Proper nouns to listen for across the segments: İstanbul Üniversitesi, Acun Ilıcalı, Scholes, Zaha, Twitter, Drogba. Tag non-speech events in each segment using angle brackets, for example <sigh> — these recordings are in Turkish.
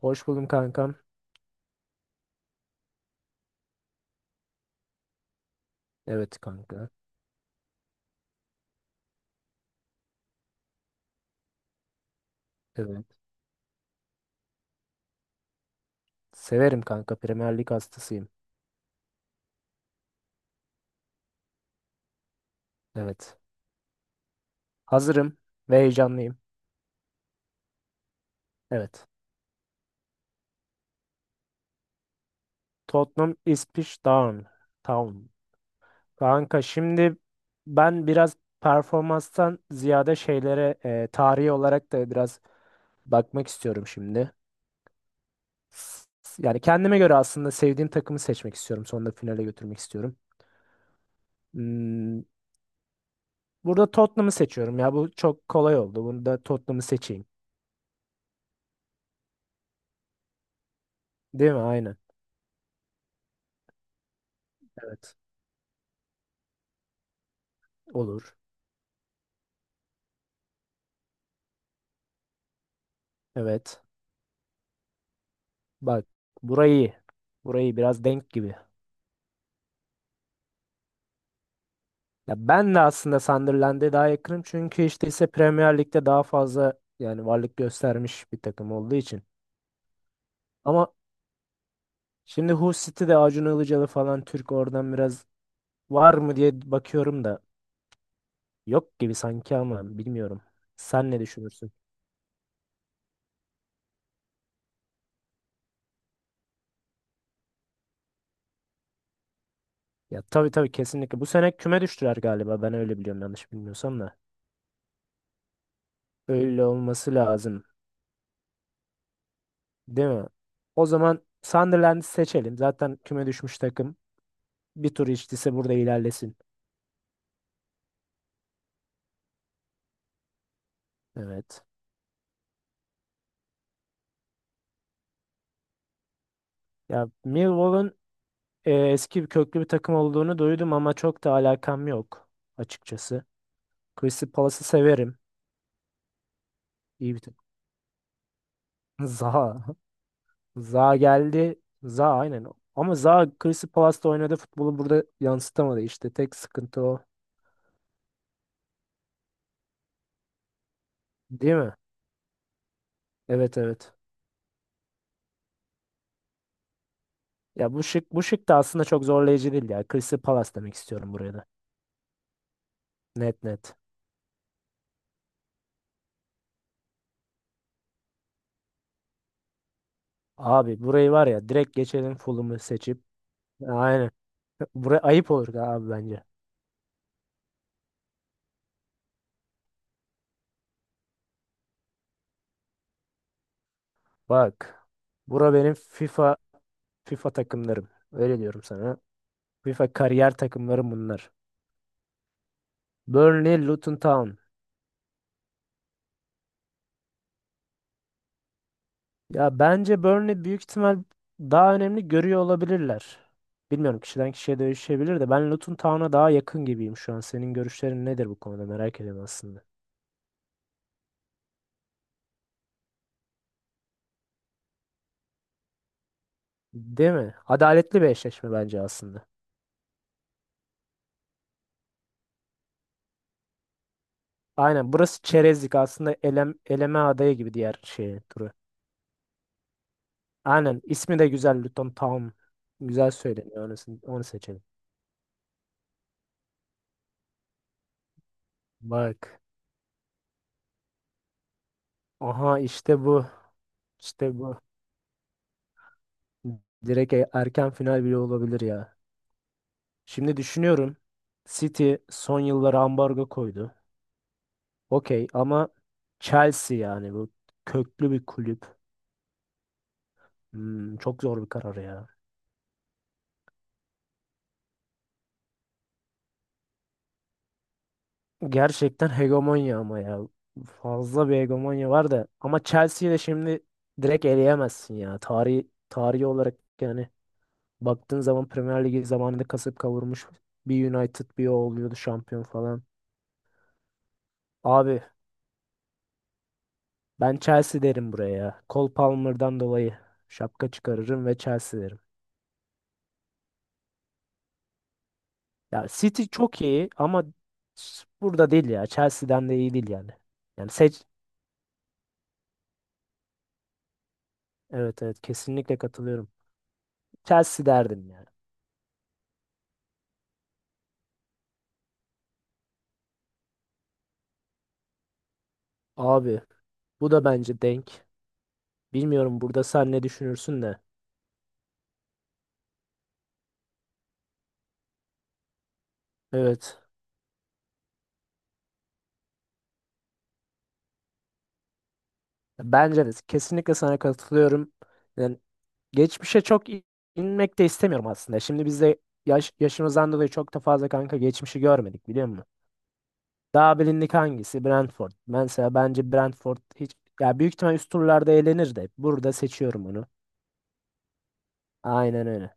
Hoş buldum kankam. Evet kanka. Evet. Severim kanka. Premier Lig hastasıyım. Evet. Hazırım ve heyecanlıyım. Evet. Tottenham İspiş Town. Town. Kanka şimdi ben biraz performanstan ziyade şeylere tarihi olarak da biraz bakmak istiyorum şimdi. S- Yani kendime göre aslında sevdiğim takımı seçmek istiyorum. Sonunda finale götürmek istiyorum. Hmm, burada Tottenham'ı seçiyorum. Ya bu çok kolay oldu. Bunu da Tottenham'ı seçeyim. Değil mi? Aynen. Evet. Olur. Evet. Bak burayı burayı biraz denk gibi. Ya ben de aslında Sunderland'e daha yakınım çünkü işte ise Premier Lig'de daha fazla yani varlık göstermiş bir takım olduğu için. Ama şimdi Hull City'de Acun Ilıcalı falan Türk oradan biraz var mı diye bakıyorum da yok gibi sanki ama bilmiyorum. Sen ne düşünürsün? Ya tabii tabii kesinlikle. Bu sene küme düştüler galiba. Ben öyle biliyorum yanlış bilmiyorsam da. Öyle olması lazım. Değil mi? O zaman Sunderland'i seçelim. Zaten küme düşmüş takım. Bir tur içtiyse burada ilerlesin. Evet. Ya Millwall'un eski bir köklü bir takım olduğunu duydum ama çok da alakam yok açıkçası. Crystal Palace'ı severim. İyi bir takım. <laughs> Zaha. Zaha geldi. Zaha aynen. Ama Zaha Crystal Palace'ta oynadığı futbolu burada yansıtamadı işte. Tek sıkıntı o. Değil mi? Evet evet. Ya bu şık bu şık da aslında çok zorlayıcı değil ya. Crystal Palace demek istiyorum buraya da. Net net. Abi burayı var ya direkt geçelim full'umu seçip. Aynen. Buraya ayıp olur abi bence. Bak. Bura benim FIFA takımlarım. Öyle diyorum sana. FIFA kariyer takımlarım bunlar. Burnley, Luton Town. Ya bence Burnley büyük ihtimal daha önemli görüyor olabilirler. Bilmiyorum kişiden kişiye değişebilir de ben Luton Town'a daha yakın gibiyim şu an. Senin görüşlerin nedir bu konuda merak ediyorum aslında. Değil mi? Adaletli bir eşleşme bence aslında. Aynen burası çerezlik aslında eleme adayı gibi diğer şey turu. Aynen ismi de güzel Luton Town. Güzel söyleniyor onu seçelim. Bak. Aha işte bu. İşte bu. Direkt erken final bile olabilir ya. Şimdi düşünüyorum. City son yıllara ambargo koydu. Okey ama Chelsea yani bu köklü bir kulüp. Çok zor bir karar ya. Gerçekten hegemonya ama ya. Fazla bir hegemonya var da. Ama Chelsea'yi de şimdi direkt eleyemezsin ya. Tarihi olarak yani baktığın zaman Premier Ligi zamanında kasıp kavurmuş bir United bir o oluyordu şampiyon falan. Abi ben Chelsea derim buraya ya. Cole Palmer'dan dolayı şapka çıkarırım ve Chelsea derim. Ya City çok iyi ama burada değil ya. Chelsea'den de iyi değil yani. Yani seç... Evet evet kesinlikle katılıyorum. Chelsea derdim yani. Abi bu da bence denk. Bilmiyorum burada sen ne düşünürsün de. Evet. Bence de kesinlikle sana katılıyorum. Yani geçmişe çok inmek de istemiyorum aslında. Şimdi biz de yaşımızdan dolayı çok da fazla kanka geçmişi görmedik biliyor musun? Daha bilindik hangisi? Brentford. Mesela bence Brentford hiç ya büyük ihtimal üst turlarda eğlenir de burada seçiyorum onu. Aynen öyle.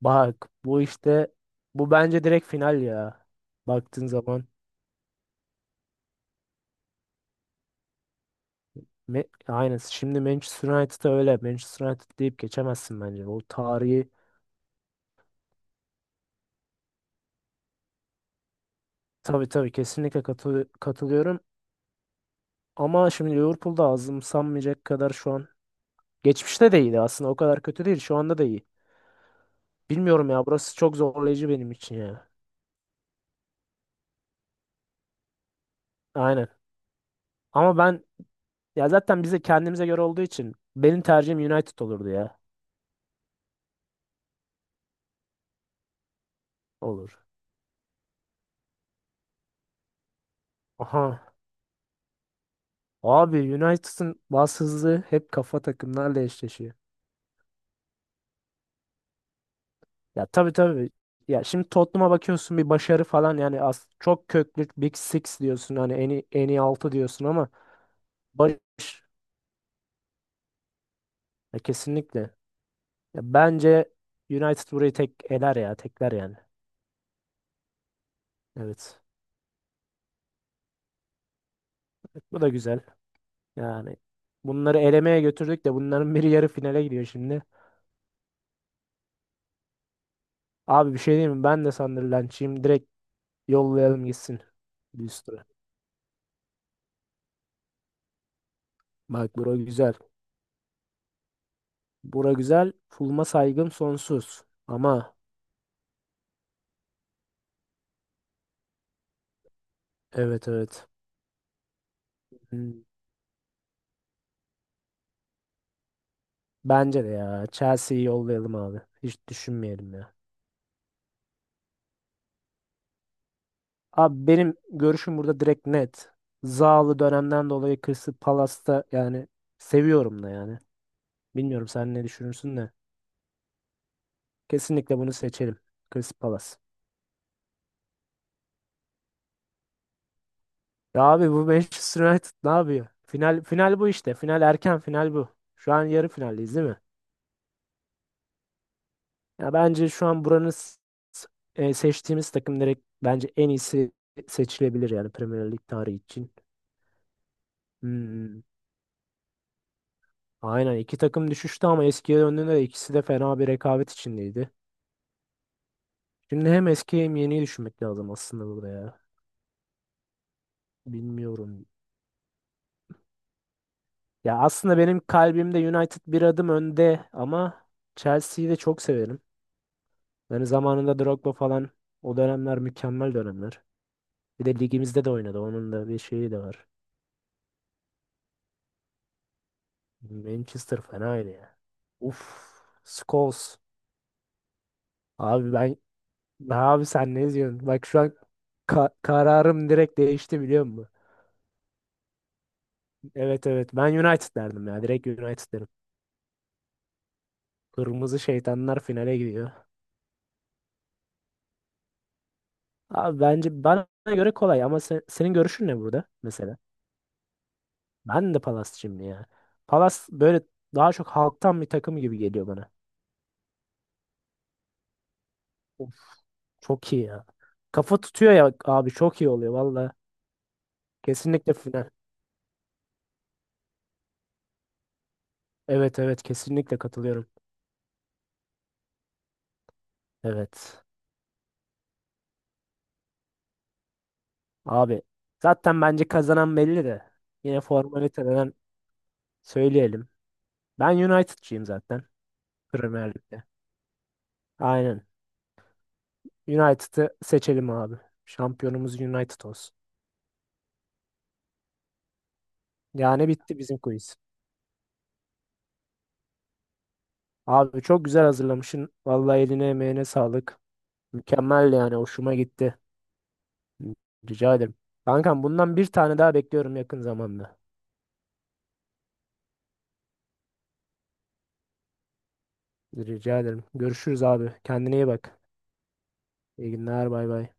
Bak bu işte bence direkt final ya. Baktığın zaman. Aynen. Şimdi Manchester United'a öyle. Manchester United deyip geçemezsin bence. O tarihi tabii tabii kesinlikle katılıyorum. Ama şimdi Liverpool'da azımsanmayacak kadar şu an. Geçmişte de iyiydi aslında. O kadar kötü değil. Şu anda da iyi. Bilmiyorum ya. Burası çok zorlayıcı benim için ya. Aynen. Ama ben ya zaten bize kendimize göre olduğu için benim tercihim United olurdu ya. Olur. Aha. Abi United'ın bas hızı hep kafa takımlarla eşleşiyor. Ya tabii tabii. Ya şimdi Tottenham'a bakıyorsun bir başarı falan yani az çok köklü Big Six diyorsun hani en iyi 6 diyorsun ama baş ya kesinlikle. Ya bence United burayı tek eler ya tekler yani. Evet. Bu da güzel. Yani bunları elemeye götürdük de bunların biri yarı finale gidiyor şimdi. Abi bir şey diyeyim mi? Ben de Sunderland'çıyım. Direkt yollayalım gitsin. Bir üstüne. Bak bura güzel. Bura güzel. Fulma saygım sonsuz. Ama evet evet. Hmm. Bence de ya. Chelsea'yi yollayalım abi. Hiç düşünmeyelim ya. Abi benim görüşüm burada direkt net. Zahalı dönemden dolayı Crystal Palace'ta yani seviyorum da yani. Bilmiyorum sen ne düşünürsün de. Kesinlikle bunu seçelim. Crystal Palace. Ya abi bu Manchester United ne yapıyor? Final final bu işte. Final erken final bu. Şu an yarı finaldeyiz değil mi? Ya bence şu an buranın s- seçtiğimiz takım direkt bence en iyisi seçilebilir yani Premier Lig tarihi için. Hmm. Aynen iki takım düşüştü ama eskiye döndüğünde de ikisi de fena bir rekabet içindeydi. Şimdi hem eski hem yeniyi düşünmek lazım aslında burada ya. Bilmiyorum. Ya aslında benim kalbimde United bir adım önde ama Chelsea'yi de çok severim. Yani zamanında Drogba falan o dönemler mükemmel dönemler. Bir de ligimizde de oynadı. Onun da bir şeyi de var. Manchester fenaydı ya. Uf. Scholes. Abi ben abi sen ne diyorsun? Bak şu an kararım direkt değişti biliyor musun? Evet evet. Ben United derdim ya. Direkt United derim. Kırmızı şeytanlar finale gidiyor. Abi bence bana göre kolay ama senin görüşün ne burada mesela? Ben de Palas'cıyım ya. Palas böyle daha çok halktan bir takım gibi geliyor bana. Of, çok iyi ya. Kafa tutuyor ya abi çok iyi oluyor valla. Kesinlikle final. Evet evet kesinlikle katılıyorum. Evet. Abi zaten bence kazanan belli de. Yine formaliteden söyleyelim. Ben United'cıyım zaten. Premier Lig'de. Aynen. United'ı seçelim abi. Şampiyonumuz United olsun. Yani bitti bizim quiz. Abi çok güzel hazırlamışsın. Vallahi eline emeğine sağlık. Mükemmel yani hoşuma gitti. Rica ederim. Kankam bundan bir tane daha bekliyorum yakın zamanda. Rica ederim. Görüşürüz abi. Kendine iyi bak. İyi günler bay bay.